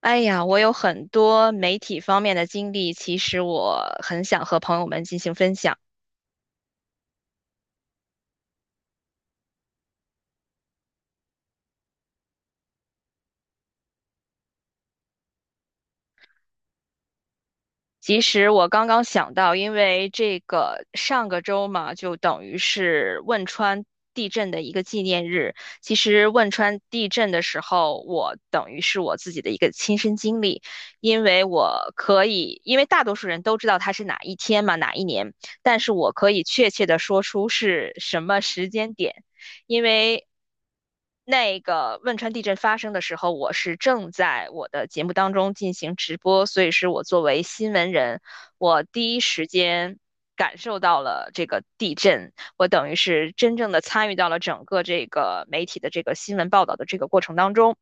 哎呀，我有很多媒体方面的经历，其实我很想和朋友们进行分享。其实我刚刚想到，因为这个上个周嘛，就等于是汶川地震的一个纪念日。其实汶川地震的时候，我等于是我自己的一个亲身经历，因为我可以，因为大多数人都知道它是哪一天嘛，哪一年，但是我可以确切的说出是什么时间点。因为那个汶川地震发生的时候，我是正在我的节目当中进行直播，所以是我作为新闻人，我第一时间感受到了这个地震，我等于是真正的参与到了整个这个媒体的这个新闻报道的这个过程当中。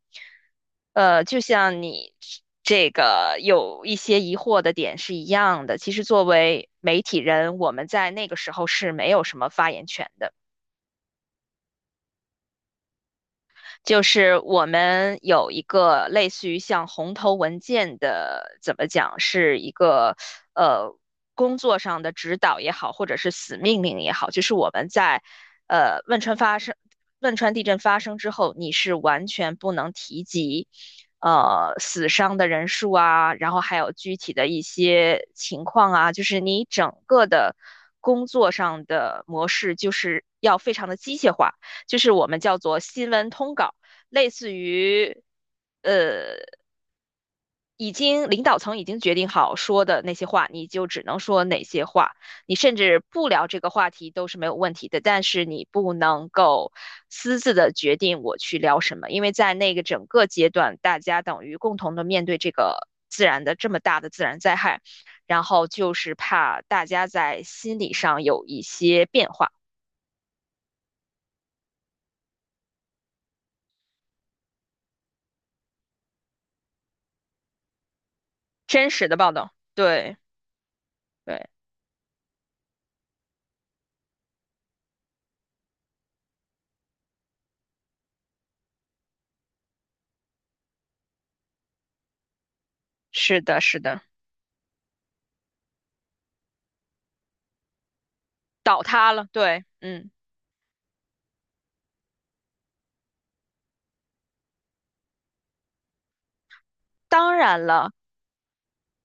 就像你这个有一些疑惑的点是一样的，其实作为媒体人，我们在那个时候是没有什么发言权的。就是我们有一个类似于像红头文件的，怎么讲，是一个呃工作上的指导也好，或者是死命令也好，就是我们在呃汶川发生汶川地震发生之后，你是完全不能提及。呃，死伤的人数啊，然后还有具体的一些情况啊，就是你整个的工作上的模式，就是要非常的机械化，就是我们叫做新闻通稿。类似于，呃，已经领导层已经决定好说的那些话，你就只能说哪些话。你甚至不聊这个话题都是没有问题的，但是你不能够私自的决定我去聊什么，因为在那个整个阶段，大家等于共同的面对这个自然的这么大的自然灾害，然后就是怕大家在心理上有一些变化。真实的报道，对对，是的，是的，倒塌了，对，嗯。当然了，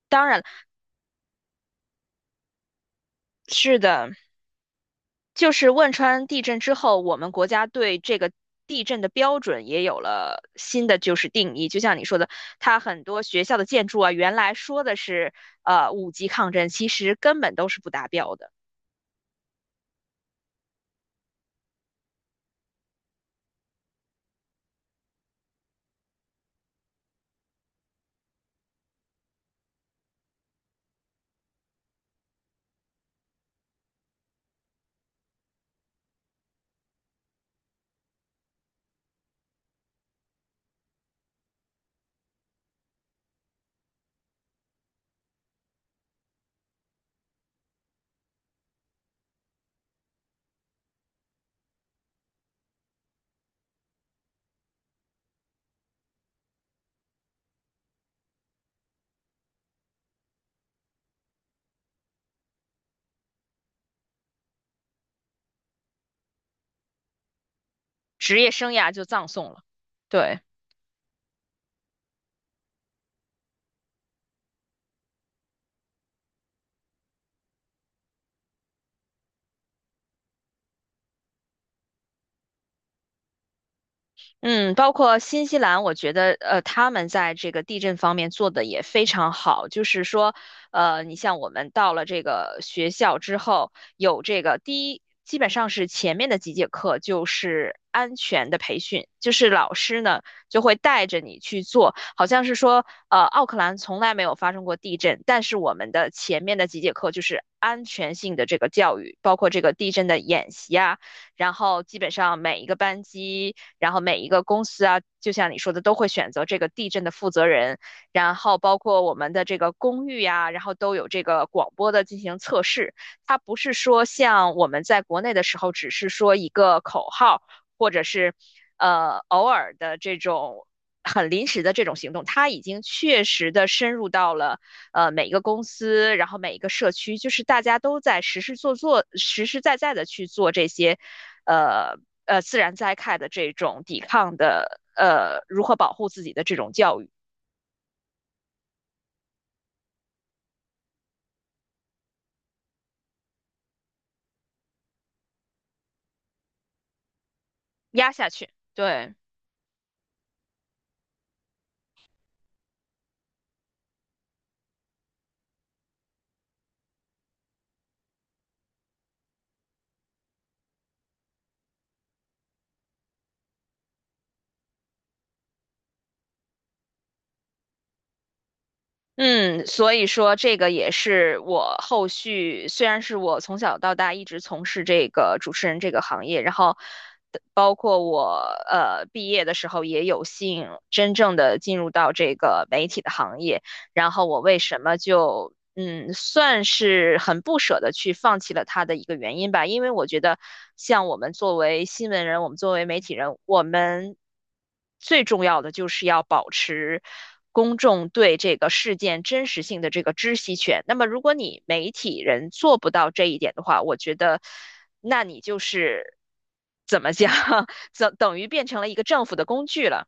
当然了，是的，就是汶川地震之后，我们国家对这个地震的标准也有了新的就是定义。就像你说的，它很多学校的建筑啊，原来说的是五级抗震，其实根本都是不达标的，职业生涯就葬送了。对。嗯，包括新西兰，我觉得他们在这个地震方面做的也非常好。就是说，呃，你像我们到了这个学校之后，有这个第一，基本上是前面的几节课就是安全的培训，就是老师呢就会带着你去做，好像是说，呃，奥克兰从来没有发生过地震，但是我们的前面的几节课就是安全性的这个教育，包括这个地震的演习啊。然后基本上每一个班级，然后每一个公司啊，就像你说的，都会选择这个地震的负责人，然后包括我们的这个公寓呀、然后都有这个广播的进行测试。它不是说像我们在国内的时候，只是说一个口号，或者是偶尔的这种很临时的这种行动，它已经确实的深入到了。每一个公司，然后每一个社区，就是大家都在实实做做、实实在在的去做这些，呃自然灾害的这种抵抗的，如何保护自己的这种教育压下去。对，嗯，所以说这个也是我后续，虽然是我从小到大一直从事这个主持人这个行业，然后。包括我毕业的时候也有幸真正的进入到这个媒体的行业，然后我为什么就嗯，算是很不舍得去放弃了他的一个原因吧，因为我觉得像我们作为新闻人，我们作为媒体人，我们最重要的就是要保持。公众对这个事件真实性的这个知悉权。那么，如果你媒体人做不到这一点的话，我觉得，那你就是怎么讲，等等于变成了一个政府的工具了，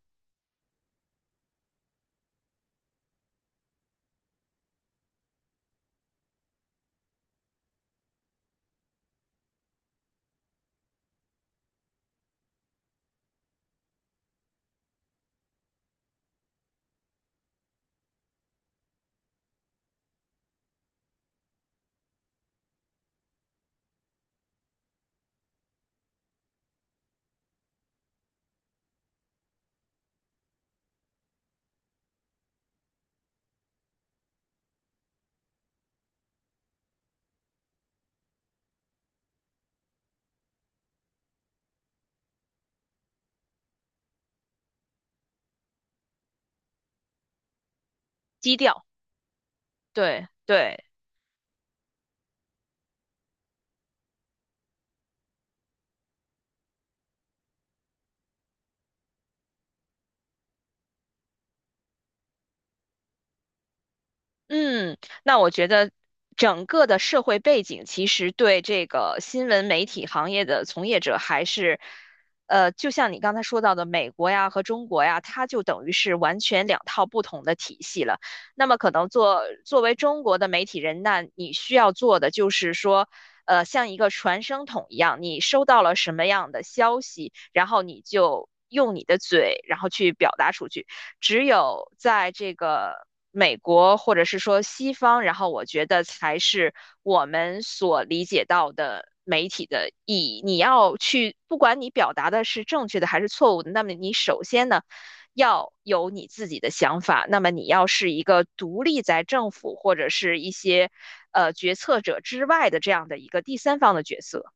低调。对对，嗯，那我觉得整个的社会背景其实对这个新闻媒体行业的从业者还是，呃，就像你刚才说到的，美国呀和中国呀，它就等于是完全两套不同的体系了。那么可能作为中国的媒体人，那你需要做的就是说，呃，像一个传声筒一样，你收到了什么样的消息，然后你就用你的嘴，然后去表达出去。只有在这个美国或者是说西方，然后我觉得才是我们所理解到的媒体的意义。你要去，不管你表达的是正确的还是错误的，那么你首先呢？要有你自己的想法，那么你要是一个独立在政府或者是一些决策者之外的这样的一个第三方的角色。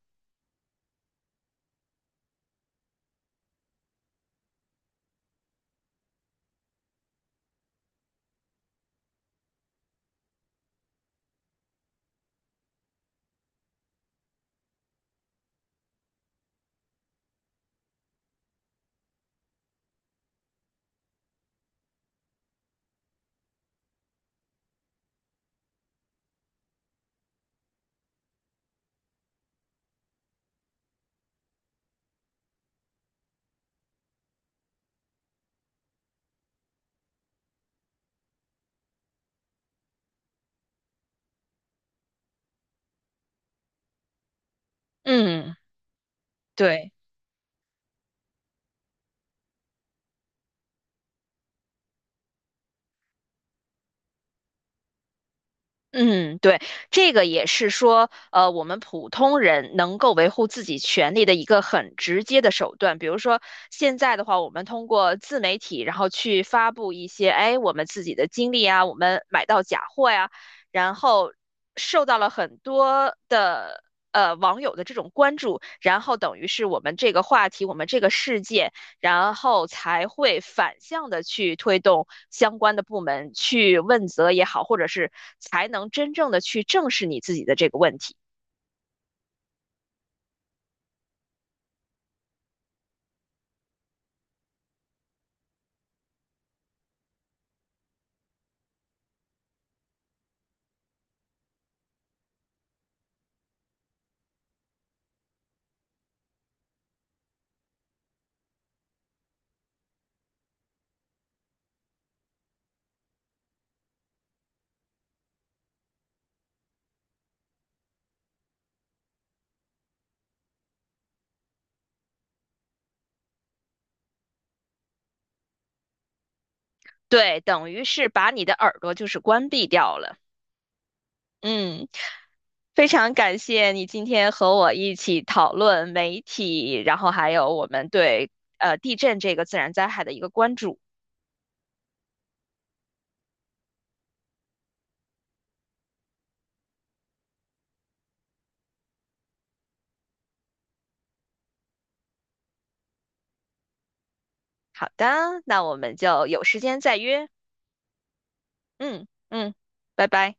嗯，对。嗯，对，这个也是说，呃，我们普通人能够维护自己权利的一个很直接的手段。比如说，现在的话，我们通过自媒体，然后去发布一些，哎，我们自己的经历啊，我们买到假货呀，然后受到了很多的网友的这种关注，然后等于是我们这个话题，我们这个世界。然后才会反向的去推动相关的部门去问责也好，或者是才能真正的去正视你自己的这个问题。对，等于是把你的耳朵就是关闭掉了。嗯，非常感谢你今天和我一起讨论媒体，然后还有我们对地震这个自然灾害的一个关注。好的，那我们就有时间再约。嗯嗯，拜拜。